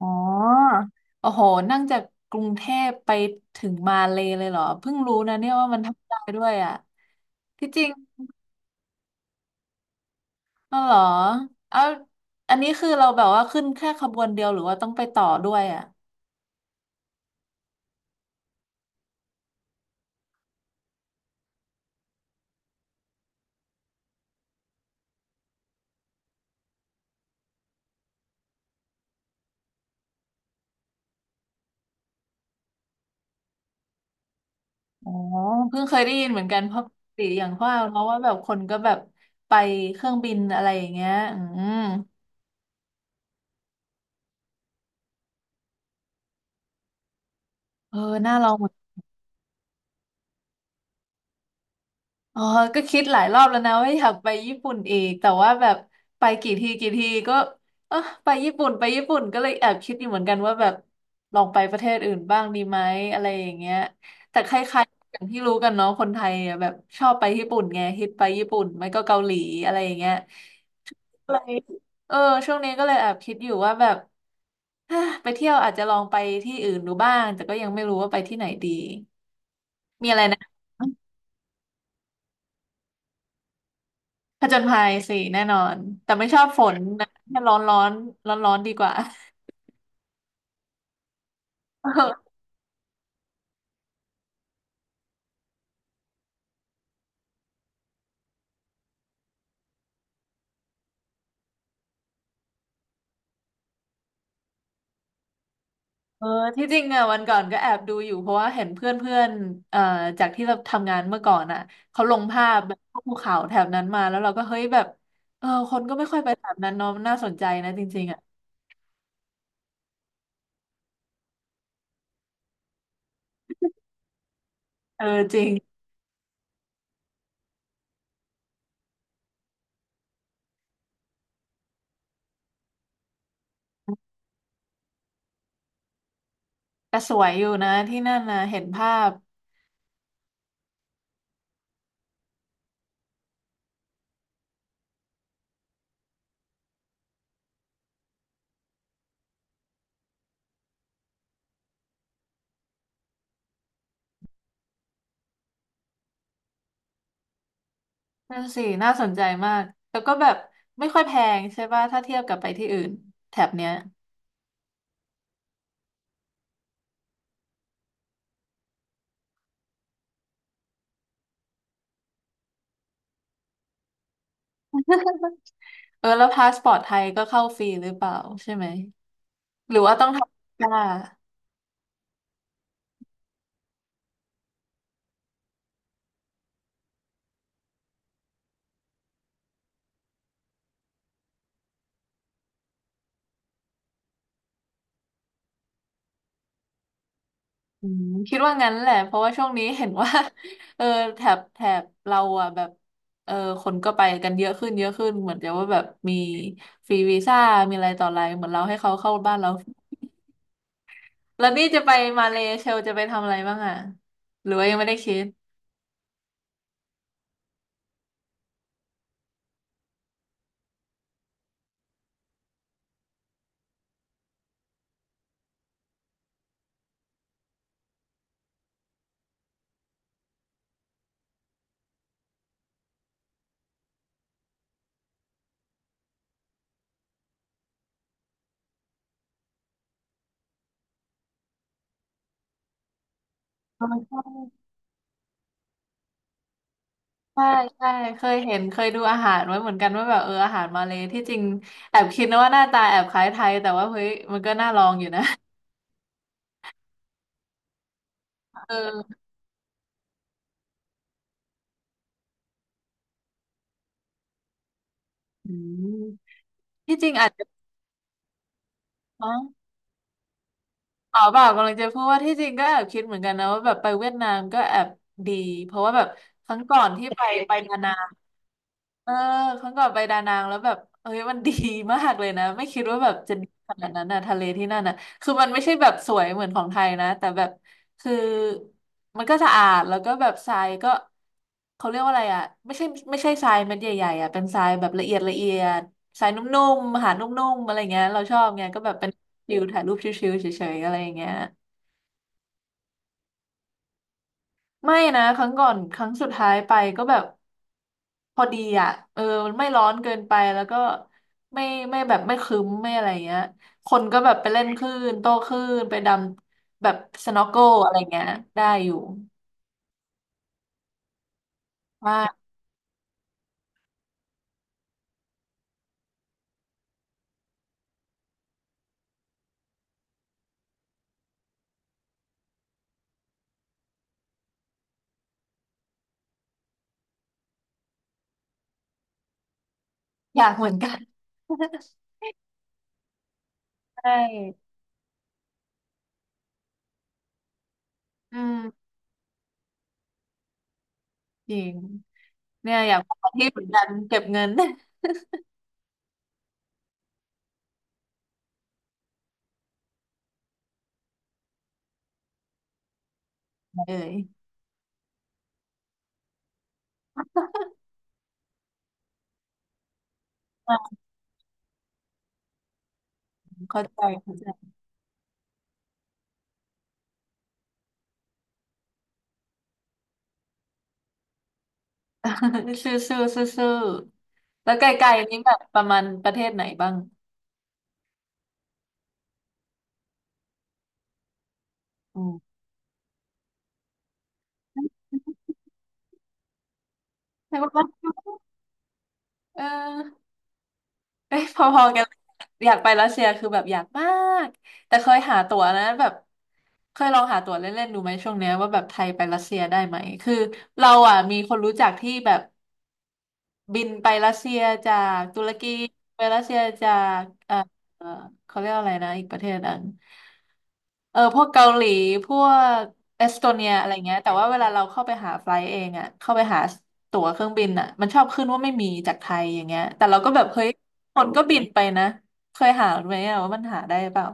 อ๋อโอ้โหนั่งจากกรุงเทพไปถึงมาเลยเลยเหรอเพิ่งรู้นะเนี่ยว่ามันทำได้ด้วยอ่ะที่จริงอ๋อเหรอเอาอันนี้คือเราแบบว่าขึ้นแค่ขบวนเดียวหรือว่าต้องไปต่อด้วยอ่ะอ๋อเพิ่งเคยได้ยินเหมือนกันเพราะปกติอย่างว่าเนาะว่าแบบคนก็แบบไปเครื่องบินอะไรอย่างเงี้ยอืมเออน่าลองเหมือน อ๋อก็คิดหลายรอบแล้วนะว่าอยากไปญี่ปุ่นอีกแต่ว่าแบบไปกี่ทีกี่ทีก็เออไปญี่ปุ่นไปญี่ปุ่นก็เลยแอบคิดอยู่เหมือนกันว่าแบบลองไปประเทศอื่นบ้างดีไหมอะไรอย่างเงี้ยแต่คล้ายๆอย่างที่รู้กันเนาะคนไทยอะแบบชอบไปญี่ปุ่นไงฮิตไปญี่ปุ่นไม่ก็เกาหลีอะไรอย่างเงี้ยก็เลยเออช่วงนี้ก็เลยแอบคิดอยู่ว่าแบบ ฮะไปเที่ยวอาจจะลองไปที่อื่นดูบ้างแต่ก็ยังไม่รู้ว่าไปที่ไหนดีมีอะไรนะ ผจญภัยสิแน่นอนแต่ไม่ชอบฝนนะแค่ร้อนร้อนร้อนร้อนๆดีกว่าเออเออที่จริงอ่ะวันก่อนก็แอบดูอยู่เพราะว่าเห็นเพื่อนเพื่อนเอ่อจากที่เราทำงานเมื่อก่อนอ่ะเขาลงภาพแบบพวกภูเขาแถบนั้นมาแล้วเราก็เฮ้ยแบบเออคนก็ไม่ค่อยไปแถบนั้นเนาะน่าสนใจนะจริงๆอ่ะเออจริงแต่สวยอยู่นะที่นั่นนะเห็นภาพนั่นสิน่าสนใจมากแล้วก็แบบไม่ค่อยแพงใช่ป่ะถ้าเทียบกับไปที่อื่นแถบเนี้ย เออแล้วพาสปอร์ตไทยก็เข้าฟรีหรือเปล่าใช่ไหมหรือว่าต้องทำวีซ่าคิดว่างั้นแหละเพราะว่าช่วงนี้เห็นว่า เออแถบแถบเราอ่ะแบบเออคนก็ไปกันเยอะขึ้นเยอะขึ้นเหมือนจะว่าแบบมีฟรีวีซ่ามีอะไรต่ออะไรเหมือนเราให้เขาเข้าบ้านเราแล้วนี่จะไปมาเลเซียจะไปทำอะไรบ้างอ่ะหรือว่ายังไม่ได้คิดอ๋อใช่ใช่ใช่เคยเห็นเคยดูอาหารไว้เหมือนกันว่าแบบเอออาหารมาเลยที่จริงแอบคิดนะว่าหน้าตาแอบคล้ายไทยแต่ว่าเฮ้ยมันก็น่าลองอยู่นะ เอออืมที่จริงอาจจะอ๋ออ๋อเปล่ากำลังจะพูดว่าที่จริงก็แอบคิดเหมือนกันนะว่าแบบไปเวียดนามก็แอบดีเพราะว่าแบบครั้งก่อนที่ไปไปนานา เออครั้งก่อนไปดานังแล้วแบบเอ้ยมันดีมากเลยนะไม่คิดว่าแบบจะดีขนาดนั้นนะทะเลที่นั่นนะคือมันไม่ใช่แบบสวยเหมือนของไทยนะแต่แบบคือมันก็สะอาดแล้วก็แบบทรายก็เขาเรียกว่าอะไรอ่ะไม่ใช่ไม่ใช่ทรายเม็ดใหญ่ๆอ่ะเป็นทรายแบบละเอียดละเอียดทรายนุ่มๆหาดนุ่มๆอะไรเงี้ยเราชอบไงก็แบบเป็นวิลถ่ายรูปชิลๆเฉยๆอะไรอย่างเงี้ยไม่นะครั้งก่อนครั้งสุดท้ายไปก็แบบ พอดีอ่ะเออมันไม่ร้อนเกินไปแล้วก็ไม่ไม่แบบไม่ครึ้มไม่อะไรเงี้ยคนก็แบบไปเล่นคลื่นโต้คลื่นไปดำแบบสน็อกเกิลอะไรเงี้ยได้อยู่ว่าอยากเหมือนกัน ใช่อืมจริงเนี่ยอยากไปที่เหมือนกันเก็บเงิน เอ้ยอ่าเข้าใจเข้าใจ ซื่อซื่อซื่อซื่อแล้วไกลๆนี้แบบประมาณประเทศไหนบ้างอืมใช่ปะเออ เอ้ยพอๆกันเลยอยากไปรัสเซียคือแบบอยากมากแต่เคยหาตั๋วนะแบบเคยลองหาตั๋วเล่นๆดูไหมช่วงเนี้ยว่าแบบไทยไปรัสเซียได้ไหมคือเราอ่ะมีคนรู้จักที่แบบ บินไปรัสเซียจากตุรกีไปรัสเซียจากเอ่อเขาเรียกอะไรนะอีกประเทศหนึงเออพวกเกาหลีพวกเอสโตเนียอะไรเงี้ยแต่ว่าเวลาเราเข้าไปหาไฟล์เองอ่ะเข้าไปหาตั๋วเครื่องบินอ่ะมันชอบขึ้นว่าไม่มีจากไทยอย่างเงี้ยแต่เราก็แบบเฮ้ยคนก็บินไปนะเคยหาไหมอะว่ามันหาได้เปล่า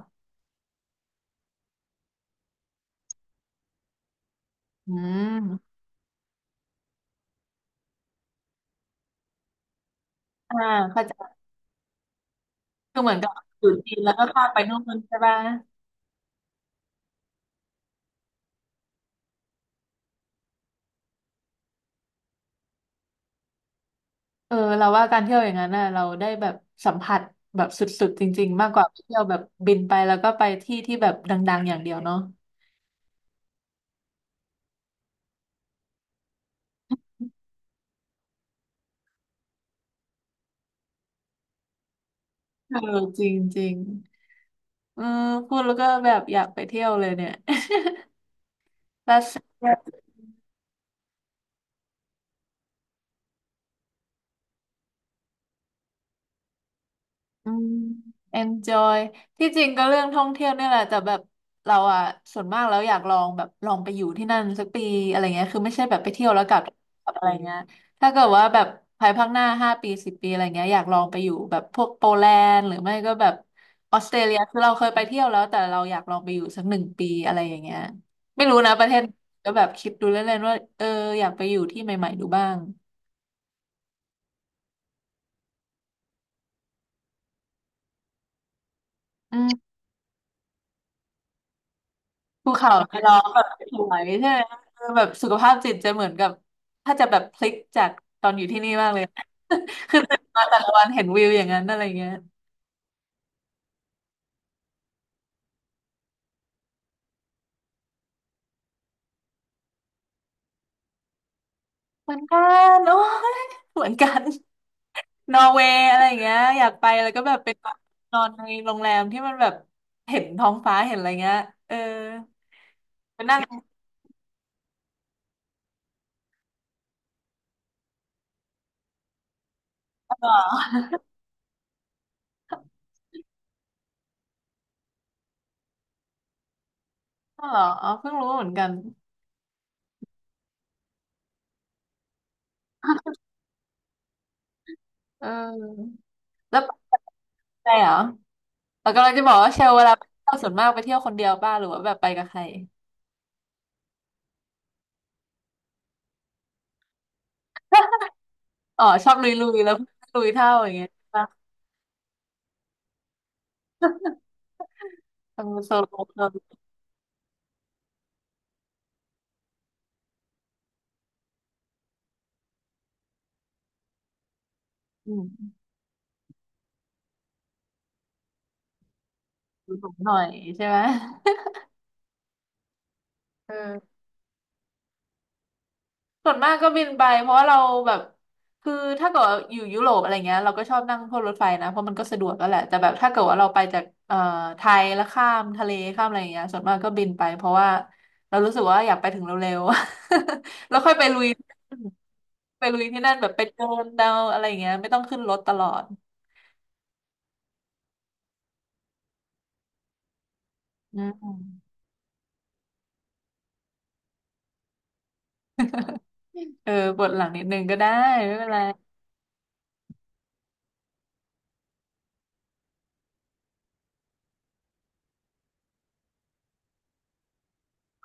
อืมอ่าเข้าใจคือเหมือนกับอยู่จีนแล้วก็ข้ามไปนู่นใช่ป่ะ เออเราว่าการเที่ยวอย่างนั้นน่ะเราได้แบบสัมผัสแบบสุดๆจริงๆมากกว่าไปเที่ยวแบบบินไปแล้วก็ไปที่ที่แบบดังๆอย่างเดียวเนาะเออจริงๆเออพูดแล้วก็แบบอยากไปเที่ยวเลยเนี่ย รัสเซีย อืม enjoy ที่จริงก็เรื่องท่องเที่ยวเนี่ยแหละแต่แบบเราอ่ะส่วนมากแล้วอยากลองแบบลองไปอยู่ที่นั่นสักปีอะไรเงี้ยคือไม่ใช่แบบไปเที่ยวแล้วกลับกับอะไรเงี้ยถ้าเกิดว่าแบบภายภาคหน้า5 ปี10 ปีอะไรเงี้ยอยากลองไปอยู่แบบพวกโปแลนด์หรือไม่ก็แบบออสเตรเลียคือเราเคยไปเที่ยวแล้วแต่เราอยากลองไปอยู่สัก1 ปีอะไรอย่างเงี้ยไม่รู้นะประเทศก็แบบคิดดูเล่นๆว่าเอออยากไปอยู่ที่ใหม่ๆดูบ้างอื ภูเขาไปร้องแบบสวยใช่ไหมคือแบบสุขภาพจิตจะเหมือนกับถ้าจะแบบพลิกจากตอนอยู่ที่นี่มากเลย คือตื่นมาแต่ละวันเห็นวิวอย่างนั้นอะไรเงี้ยเหมือนกันโอ้ยเหมือนกันนอร์เวย์อะไรอย่างเงี้ยอยากไปแล้วก็แบบเป็นนอนในโรงแรมที่มันแบบเห็นท้องฟ้าเห็นอะไรเงี้ยเออไปนั่งเหรอเหรอ อ๋อเพิ่งรู้เหมือนกันเออแล้วไปกับใครเหรอ เรากำลังจะบอกว่าเชลเวลาไปเที่ยวส่วนมากไปเที่ยวคนเดียวบ้างหรือว่าแบบไปกับใครอ๋อชอบลุยลุยแล้ว ลุยเท่าอย่างเงี้ยป่ะทำโซโล่เราอืมดูสูงหน่อยใช่ไหม เออส่วนมากก็บินไปเพราะว่าเราแบบคือถ้าเกิดว่าอยู่ยุโรปอะไรเงี้ยเราก็ชอบนั่งพวกรถไฟนะเพราะมันก็สะดวกแล้วแหละแต่แบบถ้าเกิดว่าเราไปจากไทยแล้วข้ามทะเลข้ามอะไรเงี้ยส่วนมากก็บินไปเพราะว่าเรารู้สึกว่าอยากไปถึงเร็วๆ แล้วค่อยไปลุย ไปลุยที่นั่นแบบไปเดินเดาอะไรอย่างเงี้ยไม่ต้องขึ้นรถตลอดอืมเออปวดหลังนิดนึงก็ได้ไม่เป็นไร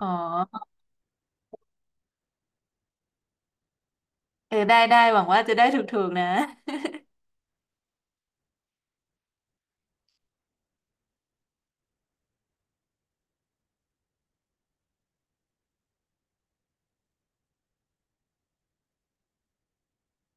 อ๋อเออได้ได้หวังว่าจะได้ถูกๆนะ